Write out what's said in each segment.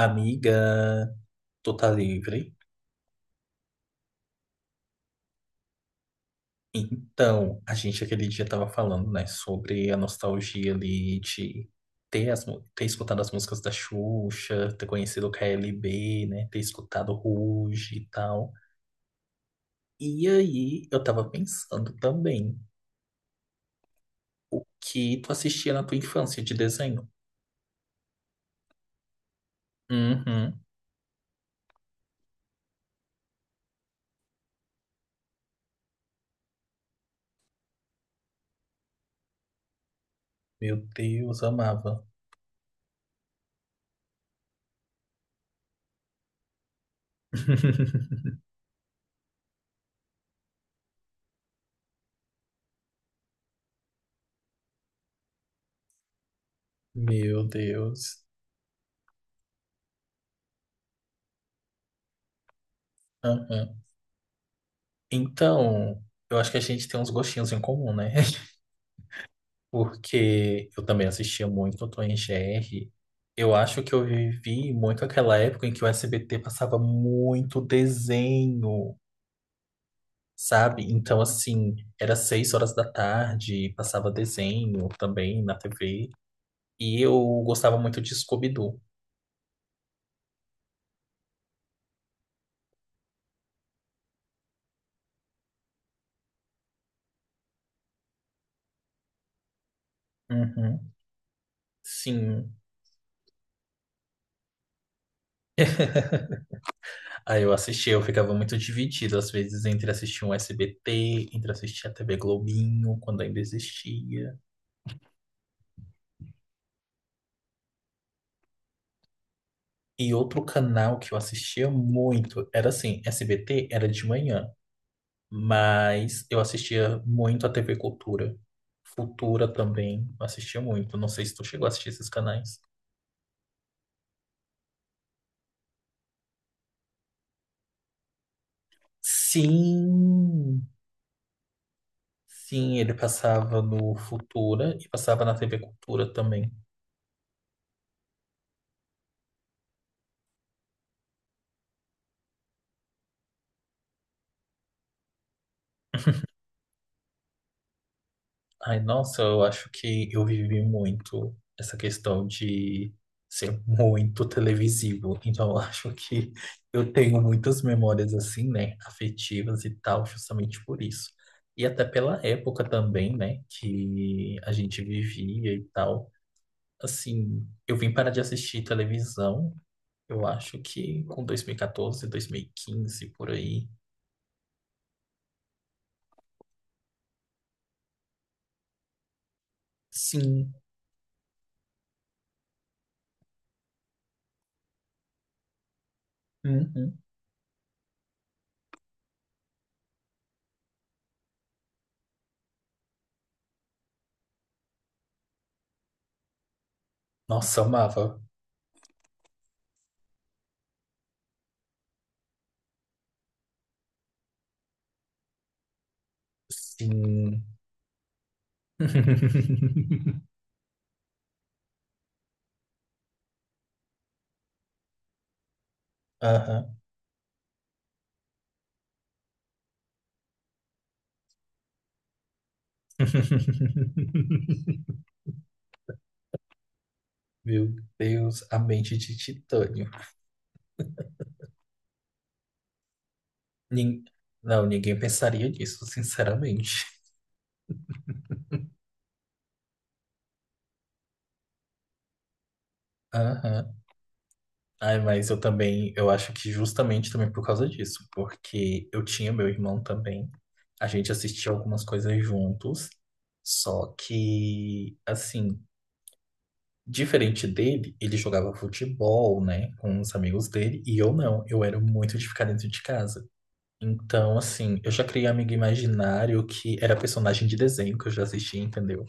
Amiga, tu tá livre? Então, a gente aquele dia tava falando, né, sobre a nostalgia ali de ter escutado as músicas da Xuxa, ter conhecido o KLB, né, ter escutado Ruge e tal. E aí, eu tava pensando também que tu assistia na tua infância de desenho. Uhum. Meu Deus, amava. Meu Deus. Aham. Então, eu acho que a gente tem uns gostinhos em comum, né? Porque eu também assistia muito o Tom e Jerry. Eu acho que eu vivi muito aquela época em que o SBT passava muito desenho, sabe? Então, assim, era seis horas da tarde, passava desenho também na TV. E eu gostava muito de Scooby-Doo. Uhum, sim. Aí eu assistia, eu ficava muito dividido, às vezes, entre assistir um SBT, entre assistir a TV Globinho, quando ainda existia. E outro canal que eu assistia muito era assim, SBT era de manhã, mas eu assistia muito a TV Cultura. Futura também, assistia muito. Não sei se tu chegou a assistir esses canais. Sim, sim, ele passava no Futura e passava na TV Cultura também. Ai, nossa, eu acho que eu vivi muito essa questão de ser muito televisivo. Então, eu acho que eu tenho muitas memórias assim, né, afetivas e tal, justamente por isso. E até pela época também, né, que a gente vivia e tal. Assim, eu vim parar de assistir televisão, eu acho que com dois mil e quatorze, 2015 por aí. Sim. Uhum. Nossa, amava. Sim. Aham. Meu Deus, a mente de titânio. Nin- Não, ninguém pensaria nisso, sinceramente. Aham. Ai, mas eu também, eu acho que justamente também por causa disso, porque eu tinha meu irmão também. A gente assistia algumas coisas juntos, só que, assim, diferente dele, ele jogava futebol, né, com os amigos dele, e eu não. Eu era muito de ficar dentro de casa. Então, assim, eu já criei amigo imaginário que era personagem de desenho que eu já assistia, entendeu?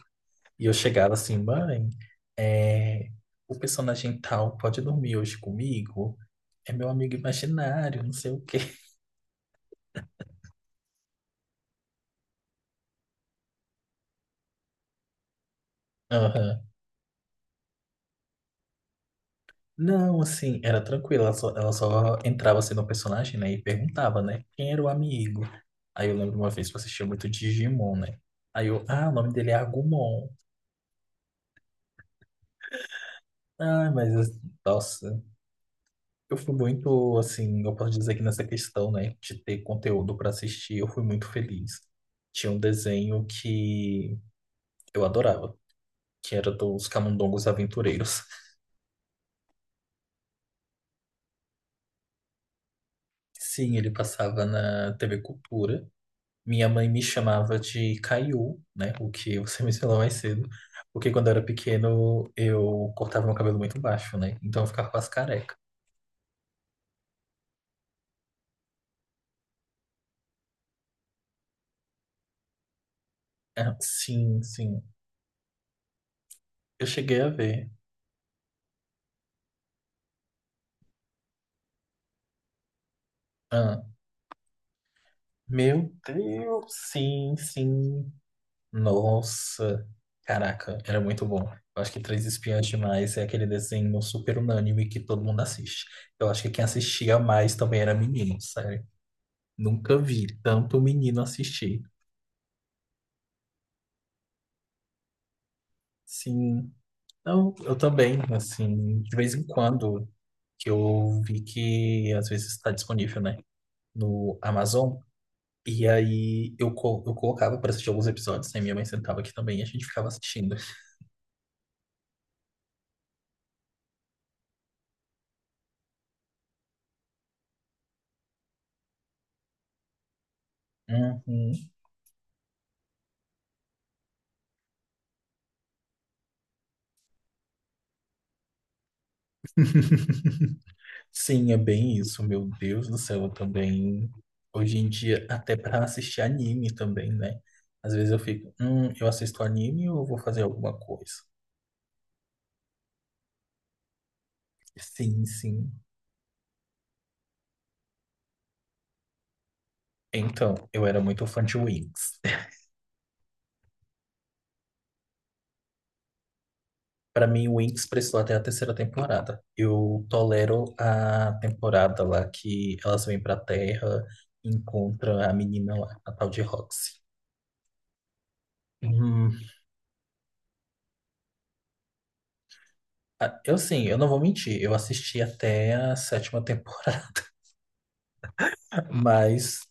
E eu chegava assim: mãe, é, o personagem tal pode dormir hoje comigo? É meu amigo imaginário, não sei o quê. Aham. Não, assim, era tranquilo, ela só entrava assim no personagem, né, e perguntava, né, quem era o amigo? Aí eu lembro uma vez que eu assistia muito Digimon, né? Aí eu, ah, o nome dele é Agumon. Ah, mas, nossa. Eu fui muito, assim, eu posso dizer que nessa questão, né, de ter conteúdo para assistir, eu fui muito feliz. Tinha um desenho que eu adorava, que era dos Camundongos Aventureiros. Sim, ele passava na TV Cultura. Minha mãe me chamava de Caiu, né, o que você mencionou mais cedo, porque quando eu era pequeno eu cortava meu cabelo muito baixo, né, então eu ficava quase careca. Ah, sim, sim, eu cheguei a ver. Ah, meu Deus, sim, sim. Nossa, caraca, era muito bom. Eu acho que Três Espiãs Demais é aquele desenho super unânime que todo mundo assiste. Eu acho que quem assistia mais também era menino, sério. Nunca vi tanto menino assistir. Sim, não, eu também, assim, de vez em quando que eu vi que às vezes está disponível, né, no Amazon. E aí eu colocava para assistir alguns episódios, né? Minha mãe sentava aqui também e a gente ficava assistindo. Uhum. Sim, é bem isso. Meu Deus do céu, eu também. Hoje em dia, até para assistir anime também, né? Às vezes eu fico, eu assisto anime ou eu vou fazer alguma coisa? Sim, sim. Então, eu era muito fã de Wings. Para mim, Wings prestou até a terceira temporada. Eu tolero a temporada lá que elas vêm pra Terra e encontram a menina lá, a tal de Roxy. Hum, ah, eu sim, eu não vou mentir, eu assisti até a sétima temporada, mas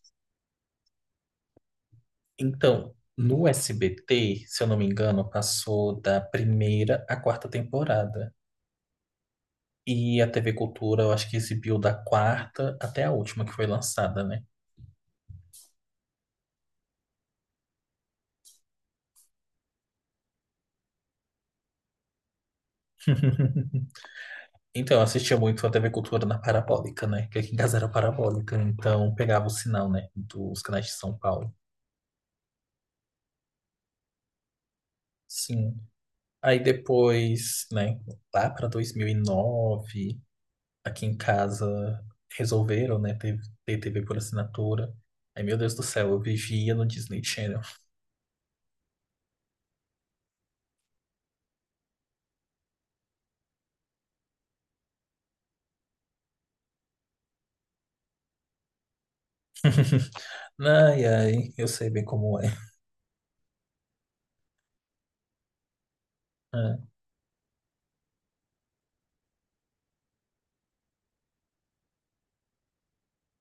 então, no SBT, se eu não me engano, passou da primeira à quarta temporada. E a TV Cultura, eu acho que exibiu da quarta até a última que foi lançada, né? Então, eu assistia muito a TV Cultura na Parabólica, né? Porque aqui em casa era Parabólica, então pegava o sinal, né? Dos canais de São Paulo. Sim. Aí depois, né? Lá para 2009. Aqui em casa resolveram, né, ter TV por assinatura. Ai, meu Deus do céu, eu vivia no Disney Channel. Ai, ai, eu sei bem como é. Ah,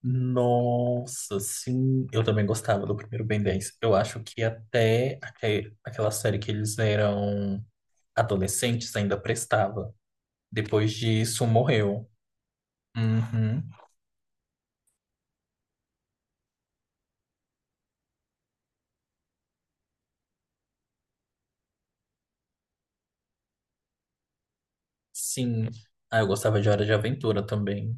nossa, sim, eu também gostava do primeiro Ben 10. Eu acho que até aquela série que eles eram adolescentes ainda prestava. Depois disso, morreu. Uhum, sim. Ah, eu gostava de Hora de Aventura também.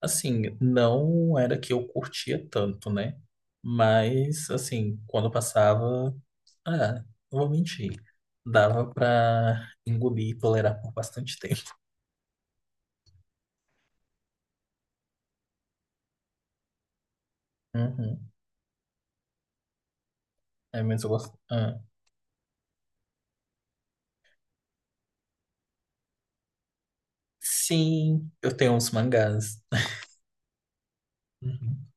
Assim, não era que eu curtia tanto, né? Mas, assim, quando passava, ah, não vou mentir, dava pra engolir e tolerar por bastante tempo. Uhum. É, mas eu gosto. Ah. Sim, eu tenho uns mangás. Uhum.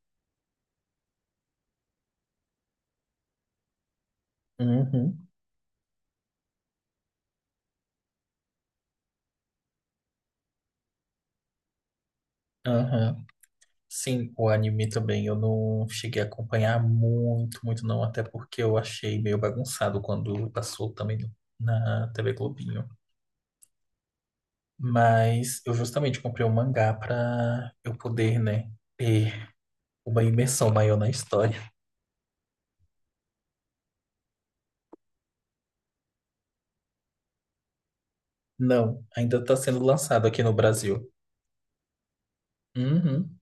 Uhum. Aham. Sim, o anime também eu não cheguei a acompanhar muito, muito não, até porque eu achei meio bagunçado quando passou também na TV Globinho. Mas eu justamente comprei o mangá pra eu poder, né, ter uma imersão maior na história. Não, ainda tá sendo lançado aqui no Brasil. Uhum.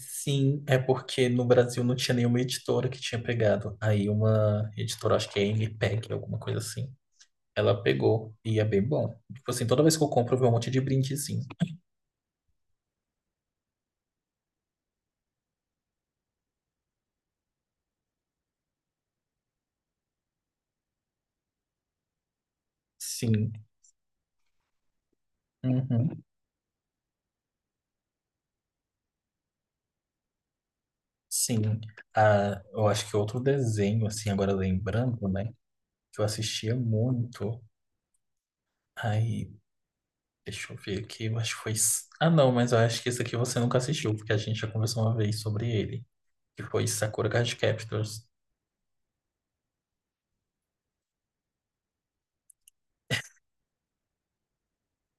Sim, é porque no Brasil não tinha nenhuma editora que tinha pegado. Aí uma editora, acho que é MPEG, alguma coisa assim. Ela pegou e é bem bom. Tipo assim, toda vez que eu compro, eu vejo um monte de brindezinho. Sim. Uhum. Sim. Ah, eu acho que outro desenho, assim, agora lembrando, né? Que eu assistia muito. Aí deixa eu ver aqui, eu acho que foi. Ah, não, mas eu acho que esse aqui você nunca assistiu, porque a gente já conversou uma vez sobre ele, que foi Sakura Card Captors.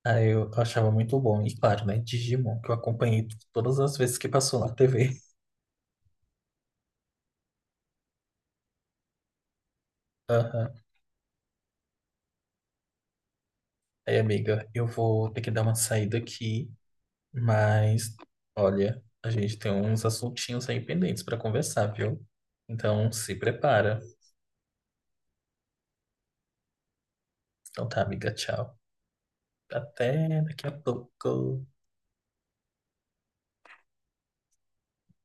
Aí eu achava muito bom, e claro, né? Digimon, que eu acompanhei todas as vezes que passou na TV. Aham. Aí, amiga, eu vou ter que dar uma saída aqui, mas olha, a gente tem uns assuntinhos aí pendentes pra conversar, viu? Então se prepara. Então tá, amiga, tchau. Até daqui a pouco.